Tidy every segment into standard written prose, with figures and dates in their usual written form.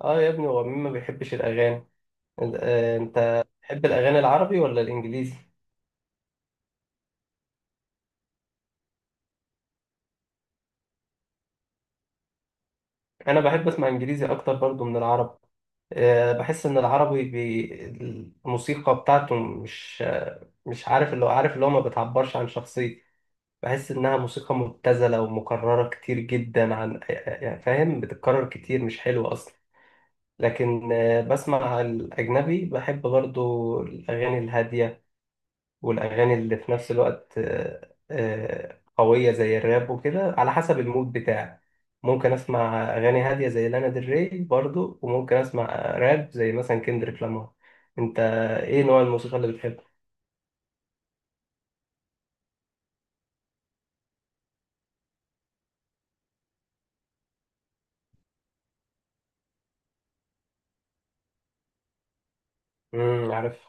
اه، يا ابني هو مين ما بيحبش الاغاني؟ انت تحب الاغاني العربي ولا الانجليزي؟ انا بحب اسمع انجليزي اكتر برضو من العربي. بحس ان العربي الموسيقى بتاعته مش عارف اللي هو ما بتعبرش عن شخصيتي. بحس انها موسيقى مبتذله ومكرره كتير جدا عن يعني فاهم بتتكرر كتير مش حلوه اصلا. لكن بسمع الاجنبي، بحب برضو الاغاني الهاديه والأغاني اللي في نفس الوقت قوية زي الراب وكده على حسب المود بتاعي. ممكن أسمع أغاني هادية زي لانا ديل ري برضو، وممكن أسمع راب زي مثلا كندريك لامار. أنت، إيه نوع الموسيقى اللي بتحبها؟ امم، عارف.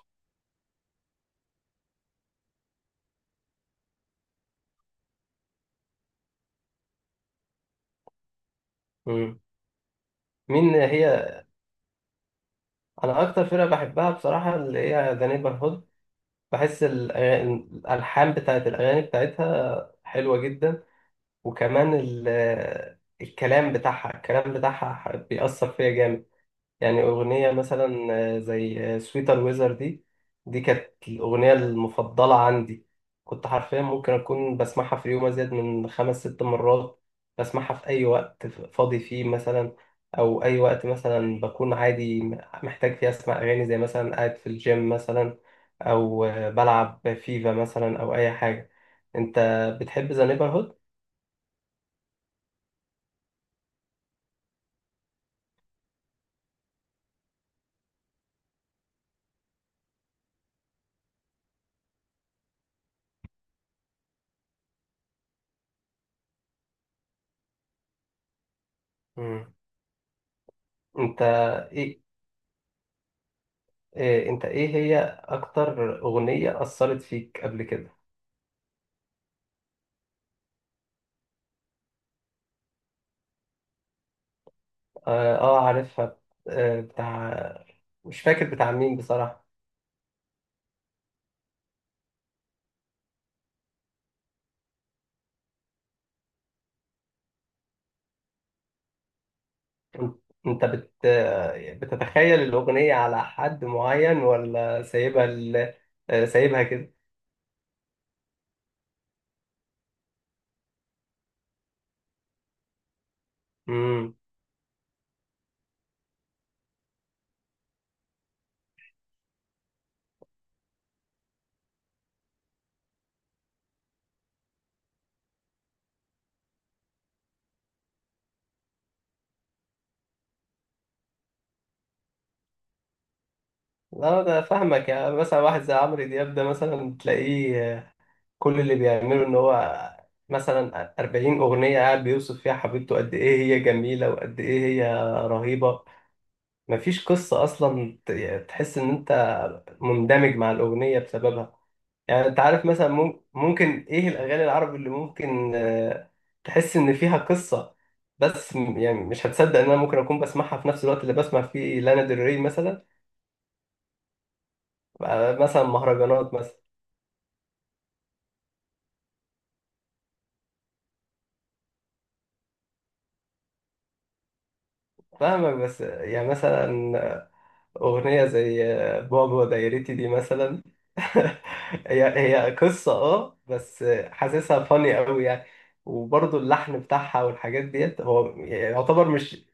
امم، مين هي؟ أنا أكتر فرقة بحبها بصراحة اللي هي ذا نيبرهود. بحس الألحان بتاعت الأغاني بتاعتها حلوة جدا. وكمان الكلام بتاعها بيأثر فيا جامد. يعني أغنية مثلا، زي سويتر ويزر دي. دي كانت الأغنية المفضلة عندي. كنت حرفيا ممكن أكون بسمعها في اليوم أزيد من خمس ست مرات. بسمعها في أي وقت فاضي فيه مثلا، أو أي وقت مثلا بكون عادي محتاج فيه أسمع أغاني، زي مثلا قاعد في الجيم مثلا، أو بلعب فيفا مثلا أو أي حاجة. أنت، بتحب ذا نيبرهود؟ مم. أنت، إيه إيه انت ايه هي اكتر اغنية اثرت فيك قبل كده؟ اه، عارفها. آه بتاع مش فاكر بتاع مين بصراحة. انت، أنت بت بتتخيل الاغنية على حد معين، ولا سايبها ال... آه، سايبها كده؟ امم. لا، انا فاهمك. يعني مثلا واحد زي عمرو دياب ده، مثلا تلاقيه كل اللي بيعمله ان هو مثلا 40 اغنية قاعد بيوصف فيها حبيبته قد ايه هي جميلة وقد ايه هي رهيبة. مفيش قصة أصلا، يعني تحس إن أنت مندمج مع الأغنية بسببها. يعني أنت عارف مثلا، ممكن إيه الأغاني العربي اللي ممكن تحس إن فيها قصة؟ بس يعني مش هتصدق إن أنا ممكن أكون بسمعها في نفس الوقت اللي بسمع فيه لانا ديل ري مثلا. مثلا مهرجانات مثلا. فاهمك، بس يعني مثلا أغنية زي بابا دايرتي دي مثلا هي هي قصة، اه، بس حاسسها فاني قوي يعني. وبرضه اللحن بتاعها والحاجات ديت هو يعتبر مش.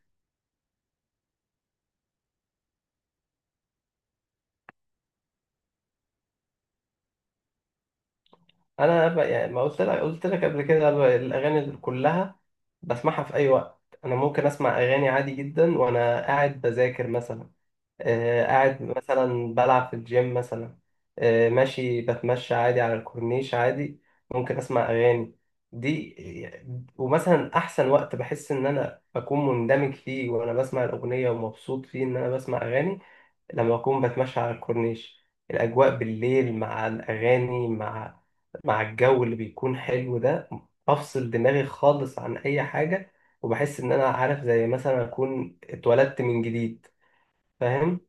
أنا يعني ما قلت لك قبل كده، الأغاني اللي كلها بسمعها في أي وقت. أنا ممكن أسمع أغاني عادي جدا وأنا قاعد بذاكر مثلا، قاعد مثلا بلعب في الجيم مثلا، ماشي بتمشى عادي على الكورنيش عادي، ممكن اسمع اغاني دي. ومثلا احسن وقت بحس ان انا بكون مندمج فيه وانا بسمع الاغنيه ومبسوط فيه ان انا بسمع اغاني لما اكون بتمشى على الكورنيش. الاجواء بالليل مع الاغاني مع مع الجو اللي بيكون حلو ده، بفصل دماغي خالص عن اي حاجه. وبحس ان انا، عارف، زي مثلا اكون اتولدت من جديد، فاهم؟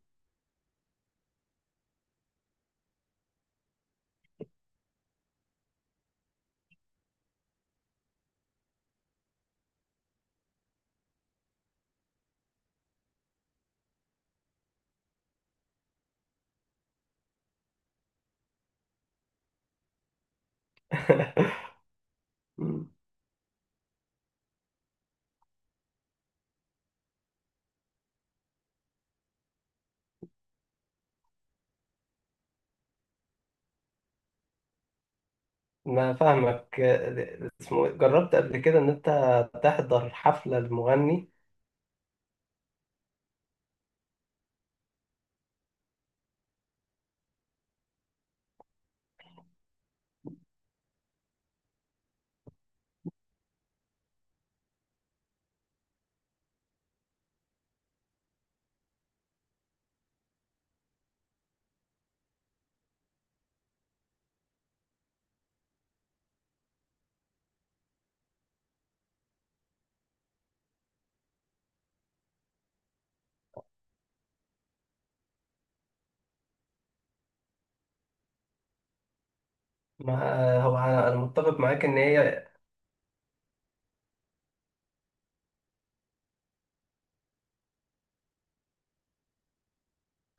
مم. انا فاهمك. اسمه إيه؟ جربت قبل كده ان انت تحضر حفلة لمغني؟ ما آه، هو أنا متفق معاك ان هي.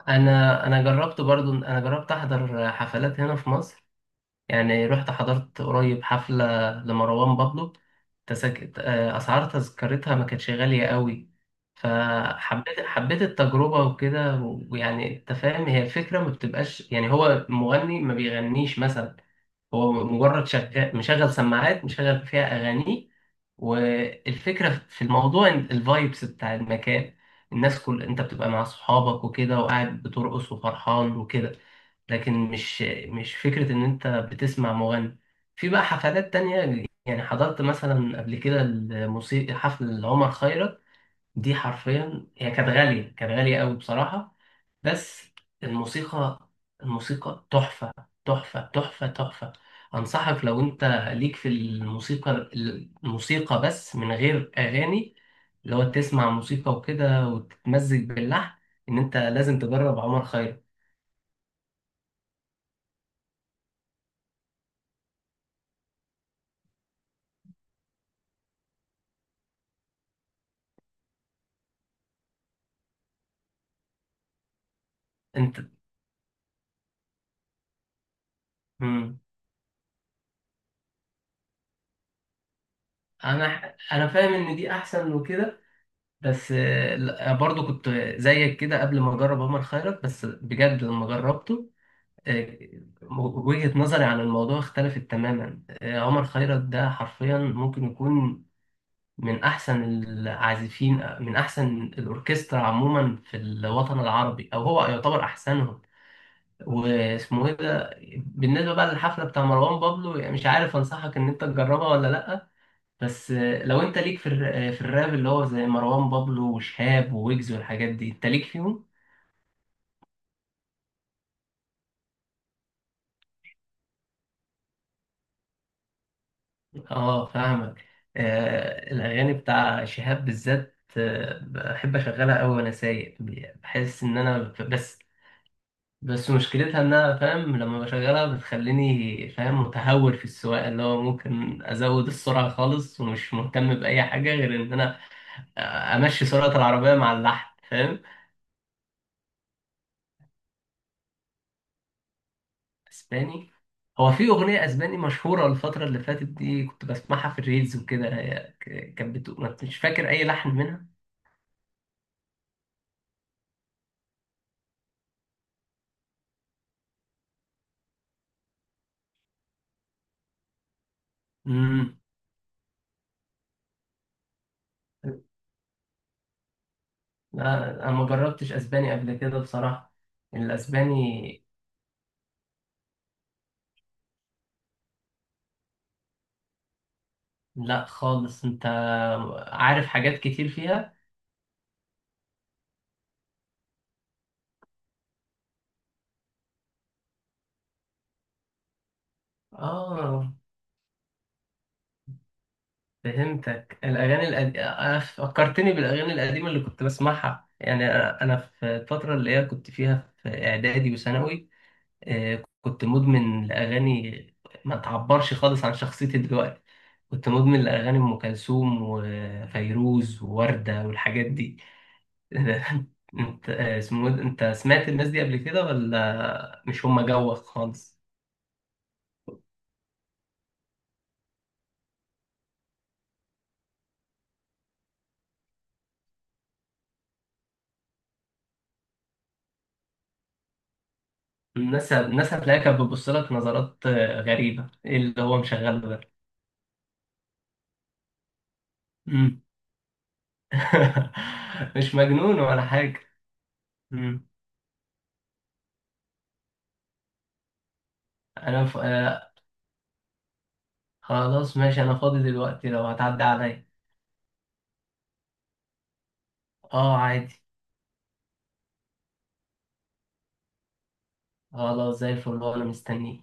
انا جربت برضو، انا جربت احضر حفلات هنا في مصر. يعني رحت حضرت قريب حفلة لمروان بابلو. تسك... آه، اسعار تذكرتها ما كانتش غالية قوي، فحبيت التجربة وكده. ويعني انت فاهم، هي الفكرة ما بتبقاش يعني هو مغني ما بيغنيش مثلا. هو مجرد شغال مشغل سماعات مشغل فيها اغانيه. والفكره في الموضوع إن الفايبس بتاع المكان، الناس، كل انت بتبقى مع صحابك وكده وقاعد بترقص وفرحان وكده. لكن مش، فكره ان انت بتسمع مغني. في بقى حفلات تانية، يعني حضرت مثلا قبل كده الموسيقى، حفل عمر خيرت. دي حرفيا هي كانت غاليه، كانت غاليه قوي بصراحه. بس الموسيقى الموسيقى تحفة، تحفة، تحفة، تحفة. أنصحك، لو أنت ليك في الموسيقى بس من غير أغاني، اللي هو تسمع موسيقى وكده وتتمزج باللحن، إن أنت لازم تجرب عمر خيرت. أنت. مم. أنا فاهم إن دي أحسن وكده. بس لا، برضو كنت زيك كده قبل ما أجرب عمر خيرت، بس بجد لما جربته، آه، وجهة نظري عن الموضوع اختلفت تماما. عمر خيرت ده حرفيا ممكن يكون من أحسن العازفين، من أحسن الأوركسترا عموما في الوطن العربي، أو هو يعتبر أحسنهم. واسمه إيه ده. بالنسبة بقى للحفلة بتاع مروان بابلو، يعني مش عارف أنصحك إن أنت تجربها ولا لأ. بس لو أنت ليك في في الراب، اللي هو زي مروان بابلو وشهاب وويجز والحاجات دي، أنت ليك فيهم؟ اه، فاهمك. الاغاني بتاع شهاب بالذات، بحب اشغلها قوي وانا سايق. بحس ان انا، بس. مشكلتها انها، فاهم، لما بشغلها بتخليني، فاهم، متهور في السواقه، اللي هو ممكن ازود السرعه خالص ومش مهتم باي حاجه غير ان انا امشي سرعه العربيه مع اللحن، فاهم. اسباني؟ هو في اغنيه اسباني مشهوره الفتره اللي فاتت دي كنت بسمعها في الريلز وكده، هي كانت بتقول، مش فاكر اي لحن منها. امم. لا، انا ما جربتش اسباني قبل كده بصراحة، الاسباني. لا خالص. انت عارف حاجات كتير فيها. اه، فهمتك. الاغاني القديمة فكرتني بالاغاني القديمة اللي كنت بسمعها، يعني أنا في الفترة اللي هي كنت فيها في اعدادي وثانوي، كنت مدمن لاغاني ما تعبرش خالص عن شخصيتي دلوقتي. كنت مدمن لاغاني ام كلثوم وفيروز ووردة والحاجات دي. انت، اسمه إيه ده؟ انت سمعت الناس دي قبل كده ولا مش هم جوك خالص؟ الناس هتلاقيها كانت بتبص لك نظرات غريبة، ايه اللي هو مشغله ده. مم. مش مجنون ولا حاجة. مم. انا ف... آه، خلاص ماشي، انا فاضي دلوقتي لو هتعدي عليا. اه، عادي. خلاص، زي الفل انا مستنيك.